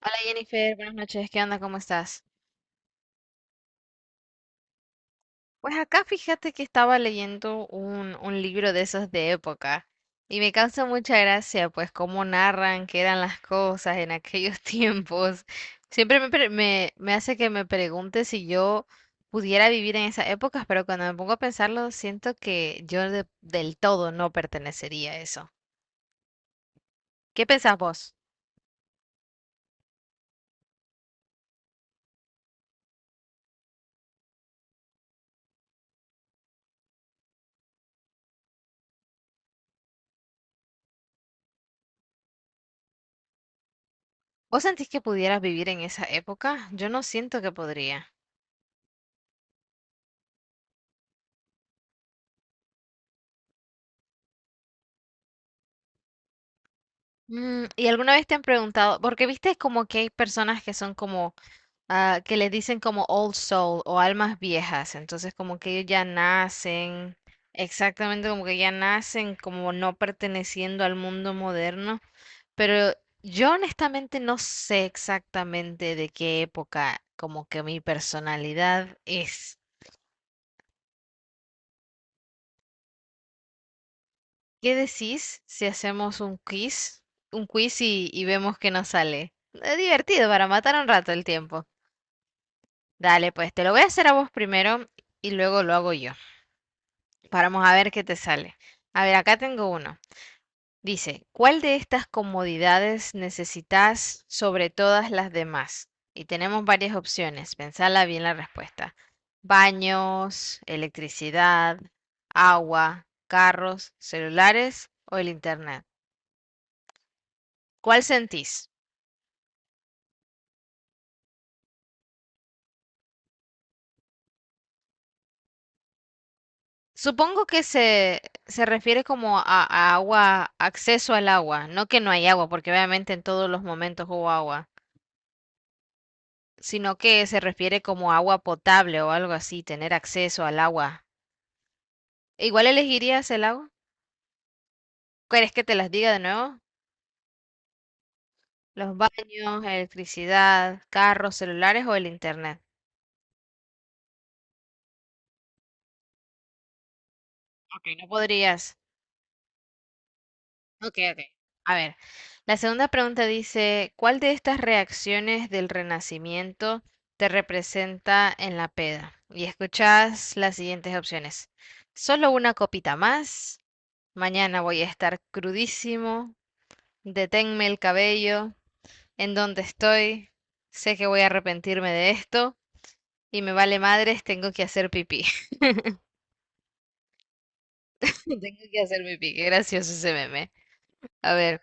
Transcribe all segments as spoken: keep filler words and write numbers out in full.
Hola Jennifer, buenas noches, ¿qué onda? ¿Cómo estás? Pues acá fíjate que estaba leyendo un, un libro de esos de época y me causa mucha gracia pues cómo narran que eran las cosas en aquellos tiempos. Siempre me, pre- me, me hace que me pregunte si yo pudiera vivir en esas épocas, pero cuando me pongo a pensarlo siento que yo de- del todo no pertenecería a eso. ¿Qué pensás vos? ¿Vos sentís que pudieras vivir en esa época? Yo no siento que podría. Mm, ¿y alguna vez te han preguntado? Porque viste como que hay personas que son como, ah, que les dicen como old soul o almas viejas, entonces como que ellos ya nacen, exactamente como que ya nacen como no perteneciendo al mundo moderno, pero yo honestamente no sé exactamente de qué época como que mi personalidad es. ¿Qué decís si hacemos un quiz, un quiz y, y vemos qué nos sale? Es divertido para matar un rato el tiempo. Dale, pues te lo voy a hacer a vos primero y luego lo hago yo. Vamos a ver qué te sale. A ver, acá tengo uno. Dice, ¿cuál de estas comodidades necesitas sobre todas las demás? Y tenemos varias opciones. Pensala bien la respuesta. Baños, electricidad, agua, carros, celulares o el internet. ¿Cuál sentís? Supongo que se, se refiere como a, a agua, acceso al agua, no que no hay agua, porque obviamente en todos los momentos hubo agua, sino que se refiere como agua potable o algo así, tener acceso al agua. Igual elegirías el agua. ¿Quieres que te las diga de nuevo? Los baños, electricidad, carros, celulares o el internet. Ok, no podrías. Ok, ok. A ver, la segunda pregunta dice, ¿cuál de estas reacciones del Renacimiento te representa en la peda? Y escuchas las siguientes opciones. Solo una copita más, mañana voy a estar crudísimo, deténme el cabello, ¿en dónde estoy? Sé que voy a arrepentirme de esto y me vale madres, tengo que hacer pipí. Tengo que hacer pipí, qué gracioso ese meme. A ver.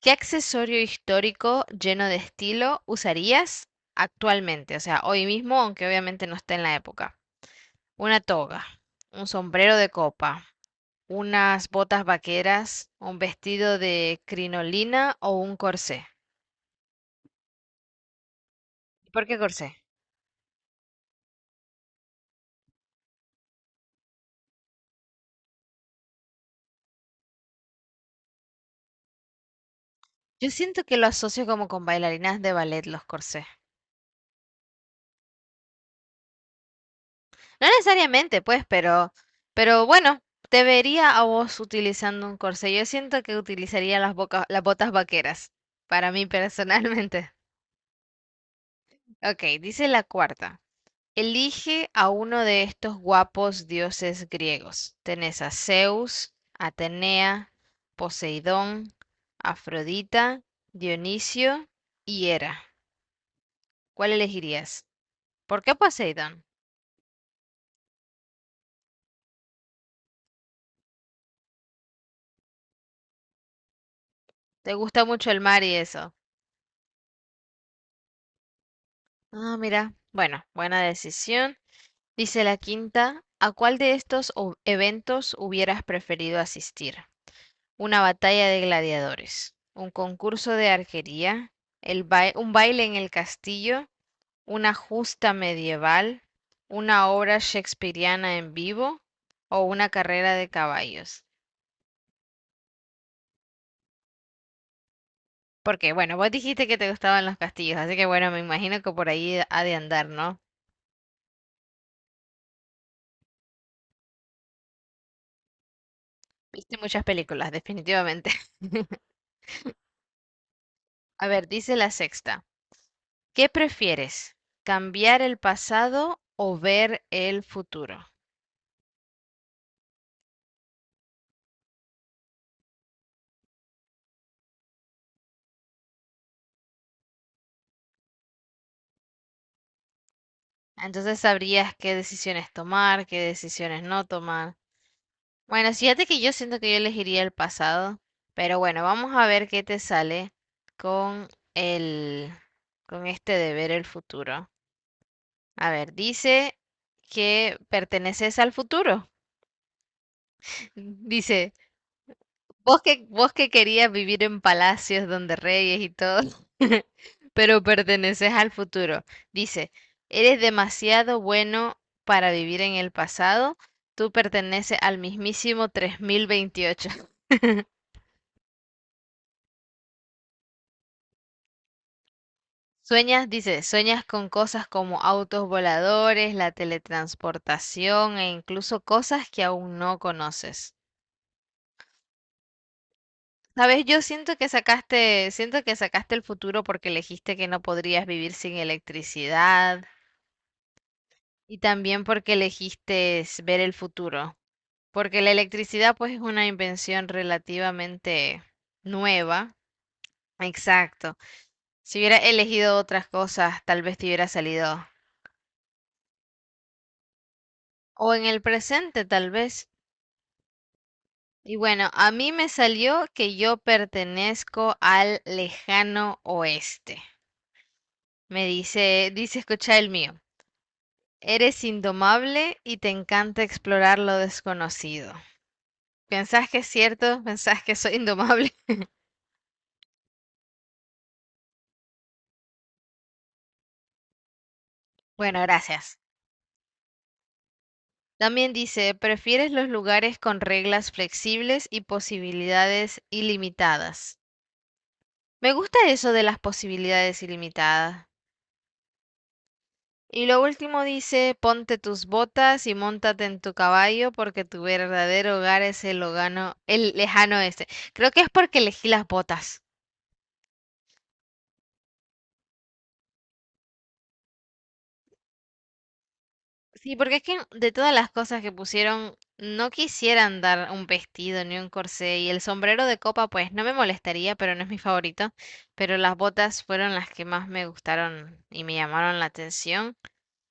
¿Qué accesorio histórico lleno de estilo usarías actualmente? O sea, hoy mismo, aunque obviamente no esté en la época. Una toga, un sombrero de copa, unas botas vaqueras, un vestido de crinolina o un corsé. ¿Y por qué corsé? Yo siento que lo asocio como con bailarinas de ballet los corsés. No necesariamente, pues, pero, pero bueno, te vería a vos utilizando un corsé. Yo siento que utilizaría las boca- las botas vaqueras, para mí personalmente. Ok, dice la cuarta. Elige a uno de estos guapos dioses griegos. Tenés a Zeus, Atenea, Poseidón, Afrodita, Dionisio y Hera. ¿Cuál elegirías? ¿Por qué Poseidón? ¿Te gusta mucho el mar y eso? Ah, mira. Bueno, buena decisión. Dice la quinta. ¿A cuál de estos o- eventos hubieras preferido asistir? Una batalla de gladiadores, un concurso de arquería, el bai- un baile en el castillo, una justa medieval, una obra shakespeariana en vivo o una carrera de caballos. Porque, bueno, vos dijiste que te gustaban los castillos, así que bueno, me imagino que por ahí ha de andar, ¿no? Viste muchas películas, definitivamente. A ver, dice la sexta. ¿Qué prefieres? ¿Cambiar el pasado o ver el futuro? Entonces sabrías qué decisiones tomar, qué decisiones no tomar. Bueno, fíjate que yo siento que yo elegiría el pasado, pero bueno, vamos a ver qué te sale con el, con este de ver el futuro. A ver, dice que perteneces al futuro. Dice, vos que, vos que querías vivir en palacios donde reyes y todo, pero perteneces al futuro. Dice, eres demasiado bueno para vivir en el pasado. Tú perteneces al mismísimo tres mil veintiocho. Sueñas, dice, sueñas con cosas como autos voladores, la teletransportación e incluso cosas que aún no conoces. Sabes, yo siento que sacaste, siento que sacaste el futuro porque elegiste que no podrías vivir sin electricidad, y también porque elegiste es ver el futuro, porque la electricidad pues es una invención relativamente nueva. Exacto. Si hubiera elegido otras cosas, tal vez te hubiera salido. O en el presente, tal vez. Y bueno, a mí me salió que yo pertenezco al lejano oeste. Me dice, dice, escucha el mío. Eres indomable y te encanta explorar lo desconocido. ¿Pensás que es cierto? ¿Pensás que soy indomable? Bueno, gracias. También dice, ¿prefieres los lugares con reglas flexibles y posibilidades ilimitadas? Me gusta eso de las posibilidades ilimitadas. Y lo último dice, ponte tus botas y móntate en tu caballo porque tu verdadero hogar es el, logano- el lejano este. Creo que es porque elegí las botas. Sí, porque es que de todas las cosas que pusieron, no quisieran dar un vestido ni un corsé y el sombrero de copa, pues no me molestaría, pero no es mi favorito. Pero las botas fueron las que más me gustaron y me llamaron la atención.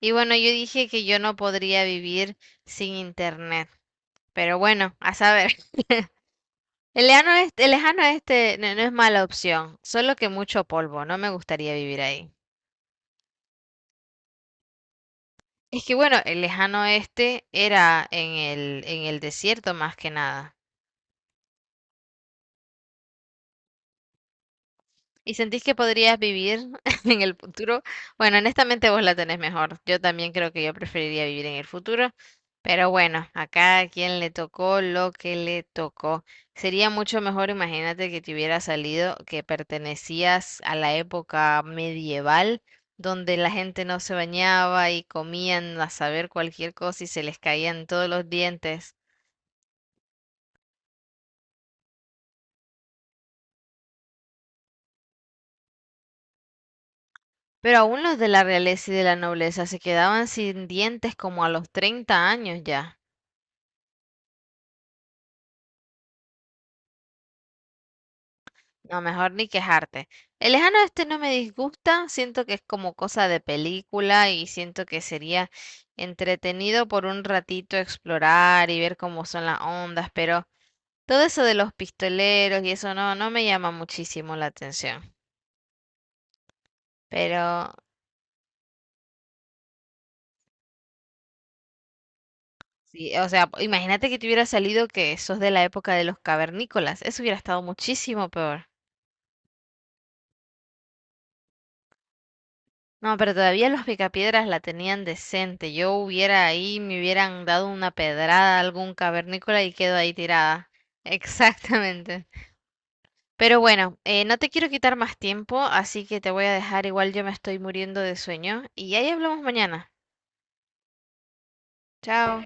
Y bueno, yo dije que yo no podría vivir sin internet. Pero bueno, a saber. El lejano este, el lejano este no, no es mala opción, solo que mucho polvo, no me gustaría vivir ahí. Es que bueno, el lejano este era en el, en el desierto más que nada. ¿Y sentís que podrías vivir en el futuro? Bueno, honestamente vos la tenés mejor. Yo también creo que yo preferiría vivir en el futuro, pero bueno, a cada quien le tocó lo que le tocó. Sería mucho mejor, imagínate, que te hubiera salido que pertenecías a la época medieval, donde la gente no se bañaba y comían a saber cualquier cosa y se les caían todos los dientes. Pero aún los de la realeza y de la nobleza se quedaban sin dientes como a los treinta años ya. No, mejor ni quejarte. El lejano este no me disgusta, siento que es como cosa de película y siento que sería entretenido por un ratito explorar y ver cómo son las ondas, pero todo eso de los pistoleros y eso no, no me llama muchísimo la atención. Pero sí, o sea, imagínate que te hubiera salido que sos de la época de los cavernícolas, eso hubiera estado muchísimo peor. No, pero todavía los picapiedras la tenían decente. Yo hubiera ahí, me hubieran dado una pedrada a algún cavernícola y quedo ahí tirada. Exactamente. Pero bueno, eh, no te quiero quitar más tiempo, así que te voy a dejar. Igual yo me estoy muriendo de sueño. Y ahí hablamos mañana. Chao.